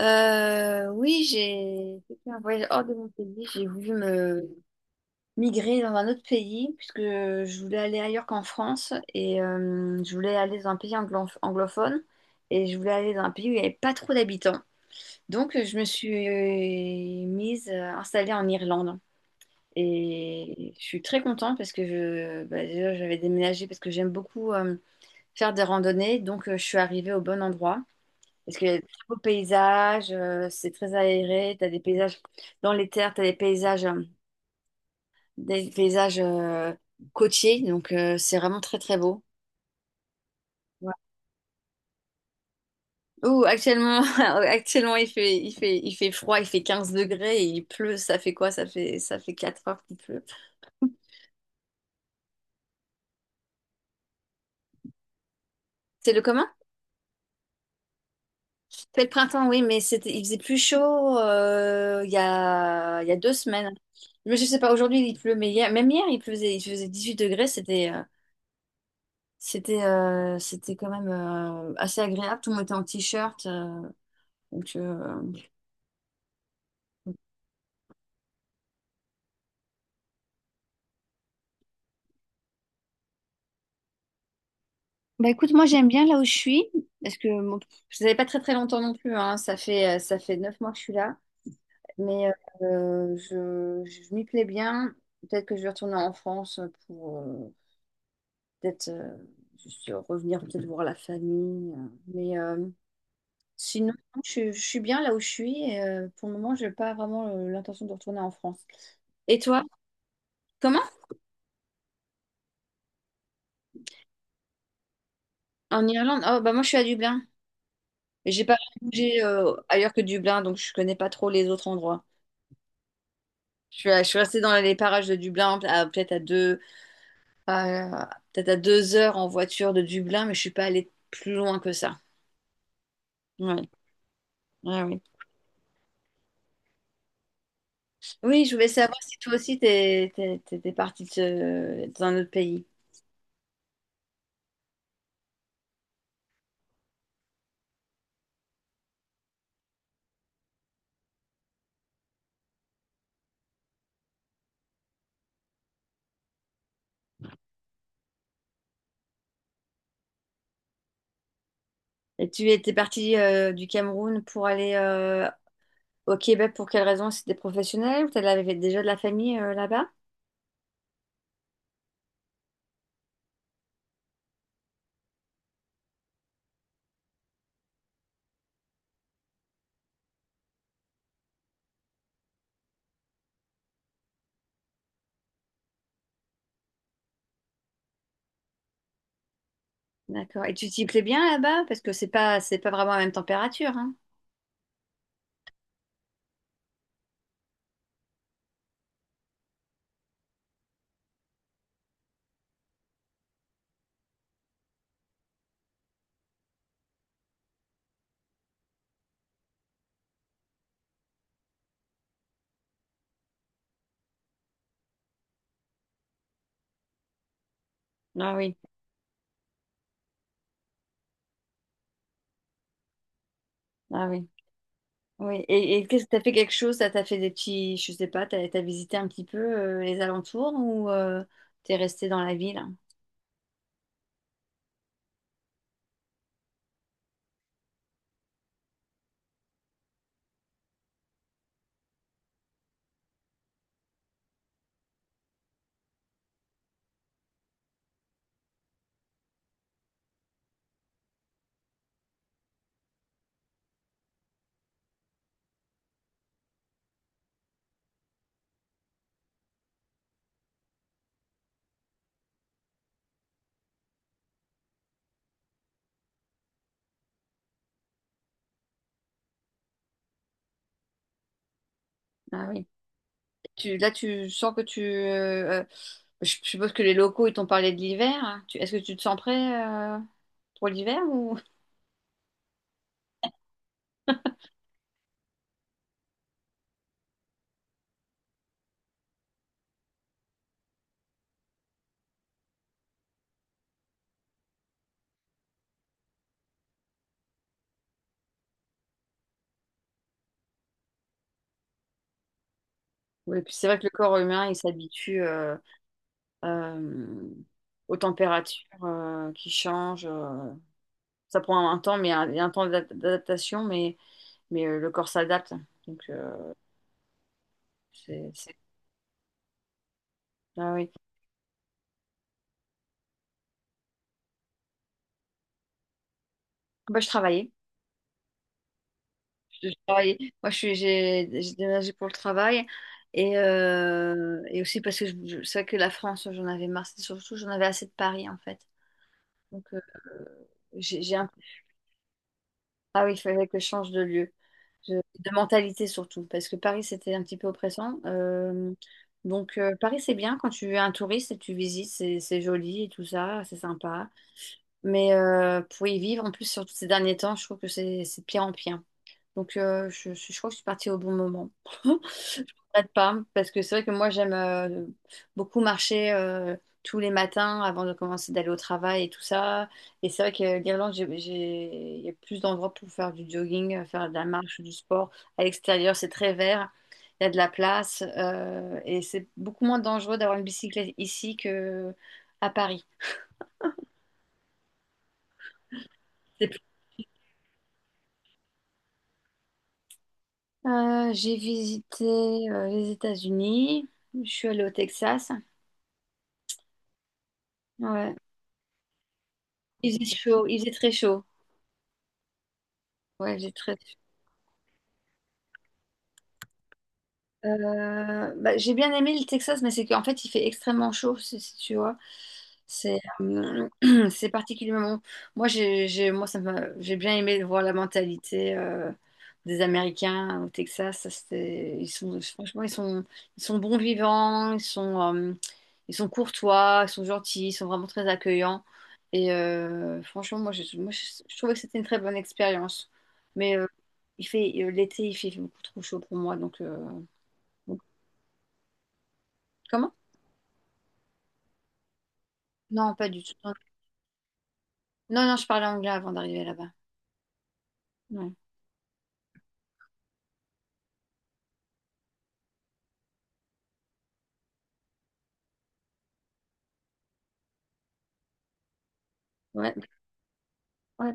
Oui, j'ai fait un voyage hors de mon pays. J'ai voulu me migrer dans un autre pays puisque je voulais aller ailleurs qu'en France et je voulais aller dans un pays anglophone et je voulais aller dans un pays où il n'y avait pas trop d'habitants. Donc je me suis mise installée en Irlande et je suis très contente parce que bah, déjà j'avais déménagé parce que j'aime beaucoup faire des randonnées donc je suis arrivée au bon endroit. Parce qu'il y a de très beaux paysages, c'est très aéré, tu as des paysages dans les terres, tu as des paysages côtiers, donc c'est vraiment très très beau. Ouais. Ouh, actuellement, actuellement il fait froid, il fait 15 degrés et il pleut, ça fait quoi? Ça fait 4 heures qu'il pleut. C'est le commun? C'est le printemps, oui, mais il faisait plus chaud il y a 2 semaines. Mais je sais pas, aujourd'hui il pleut, mais hier, même hier il faisait 18 degrés, c'était quand même assez agréable. Tout le monde était en t-shirt. Donc. Bah écoute, moi j'aime bien là où je suis, parce que bon, je n'avais pas très très longtemps non plus. Hein. Ça fait 9 mois que je suis là. Mais je m'y plais bien. Peut-être que je vais retourner en France pour peut-être juste revenir, peut-être voir la famille. Mais sinon, je suis bien là où je suis. Et, pour le moment, je n'ai pas vraiment l'intention de retourner en France. Et toi, comment? En Irlande, oh, bah moi je suis à Dublin. Et j'ai pas bougé ailleurs que Dublin, donc je connais pas trop les autres endroits. Je suis restée dans les parages de Dublin, peut-être à 2 heures en voiture de Dublin, mais je suis pas allée plus loin que ça. Ouais, ouais, oui. Oui, je voulais savoir si toi aussi t'étais partie dans un autre pays. Et tu étais partie du Cameroun pour aller au Québec pour quelle raison? C'était professionnel ou t'avais déjà de la famille là-bas? D'accord. Et tu t'y plais bien là-bas? Parce que c'est pas vraiment la même température, hein. Ah oui, ah oui, oui. Et qu'est-ce que t'as fait quelque chose? Ça t'a fait des petits, je sais pas, t'as visité un petit peu les alentours ou t'es resté dans la ville? Ah oui. Là, tu sens que je suppose que les locaux ils t'ont parlé de l'hiver. Hein. Est-ce que tu te sens prêt euh, pour l'hiver ou? Oui, puis c'est vrai que le corps humain il s'habitue euh, aux températures qui changent. Ça prend un temps, mais un temps d'adaptation, mais le corps s'adapte. Donc, c'est, c'est- Ah oui. Bah, je travaillais. Je travaillais. Moi, j'ai déménagé pour le travail. Et aussi parce que c'est vrai que la France, j'en avais marre. C'est Surtout, j'en avais assez de Paris, en fait. Donc, j'ai un... Ah oui, il fallait que je change de lieu. Je- De mentalité, surtout. Parce que Paris, c'était un petit peu oppressant. Donc, Paris, c'est bien quand tu es un touriste et tu visites. C'est joli et tout ça. C'est sympa. Mais pour y vivre, en plus, surtout ces derniers temps, je trouve que c'est de pire en pire. Donc, je crois que je suis partie au bon moment. Je ne regrette pas, parce que c'est vrai que moi, j'aime beaucoup marcher tous les matins avant de commencer d'aller au travail et tout ça. Et c'est vrai que l'Irlande, il y a plus d'endroits pour faire du jogging, faire de la marche, du sport. À l'extérieur, c'est très vert, il y a de la place. Et c'est beaucoup moins dangereux d'avoir une bicyclette ici que à Paris. J'ai visité les États-Unis. Je suis allée au Texas. Ouais. Il faisait chaud, il faisait très chaud. Ouais, j'ai très. Bah, j'ai bien aimé le Texas, mais c'est qu'en fait, il fait extrêmement chaud, si tu vois. C'est C'est particulièrement. Moi, j'ai- moi, ça m'a- J'ai bien aimé de voir la mentalité des Américains au Texas. Ça, ils sont, franchement, ils sont bons vivants, ils sont courtois, ils sont gentils, ils sont vraiment très accueillants. Et franchement, je trouvais que c'était une très bonne expérience. Mais l'été, il fait beaucoup trop chaud pour moi. Donc, donc- comment? Non, pas du tout. Non, non, je parlais anglais avant d'arriver là-bas. Ouais. Ouais. Ouais.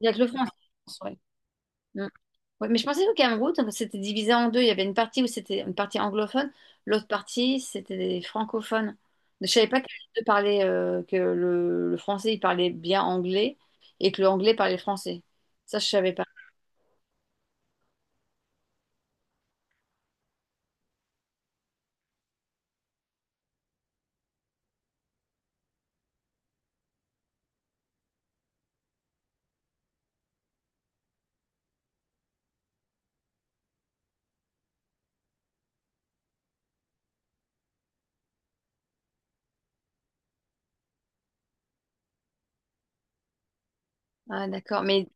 Il y a que le franc, je pense, ouais. Mm. Ouais, mais je pensais qu'au Cameroun, donc, c'était divisé en deux. Il y avait une partie où c'était une partie anglophone, l'autre partie, c'était des francophones. Je savais pas que les deux parlaient, que le français, il parlait bien anglais et que le anglais parlait français. Ça, je savais pas. Ah, d'accord. Mais...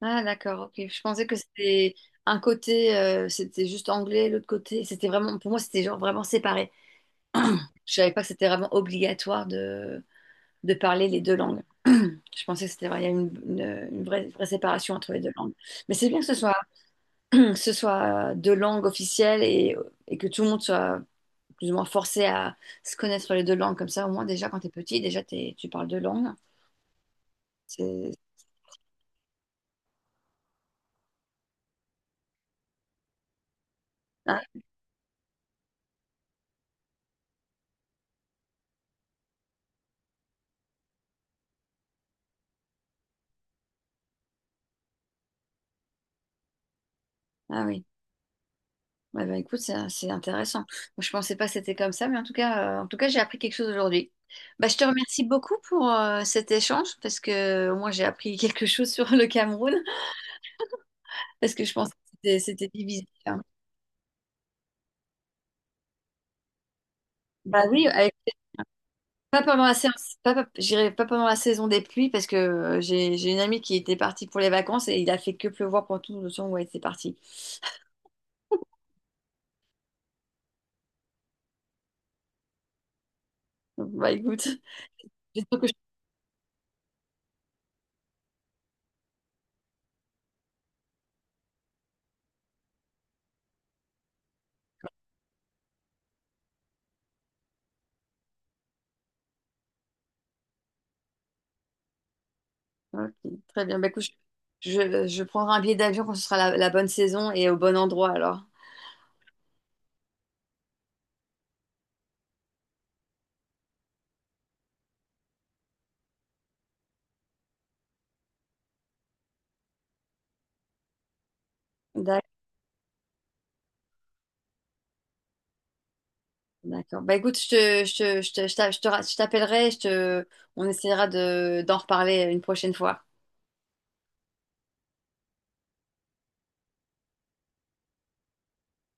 Ah, d'accord, ok. Je pensais que c'était un côté, c'était juste anglais, l'autre côté, c'était vraiment, pour moi, c'était genre vraiment séparé. Je savais pas que c'était vraiment obligatoire de parler les deux langues. Je pensais que c'était vrai, il y a une vraie, vraie séparation entre les deux langues. Mais c'est bien que ce soit, que ce soit deux langues officielles et que tout le monde soit plus ou moins forcé à se connaître les deux langues. Comme ça, au moins, déjà, quand tu es petit, déjà, tu parles deux langues. C'est... Ah, ah oui. Ouais, bah, écoute, c'est intéressant. Moi, je pensais pas que c'était comme ça, mais en tout cas, j'ai appris quelque chose aujourd'hui. Bah, je te remercie beaucoup pour cet échange parce que au moins j'ai appris quelque chose sur le Cameroun parce que je pensais que c'était divisé. Hein. Bah oui, pas pendant la séance, j'irai pas pendant la saison des pluies parce que j'ai une amie qui était partie pour les vacances et il a fait que pleuvoir pendant tout le temps où elle était partie. Donc, bah écoute, j'espère que je... Ok, très bien. Bah écoute, je prendrai un billet d'avion quand ce sera la bonne saison et au bon endroit alors. D'ac- D'accord. Bah écoute, je t'appellerai, on essaiera d'en reparler une prochaine fois.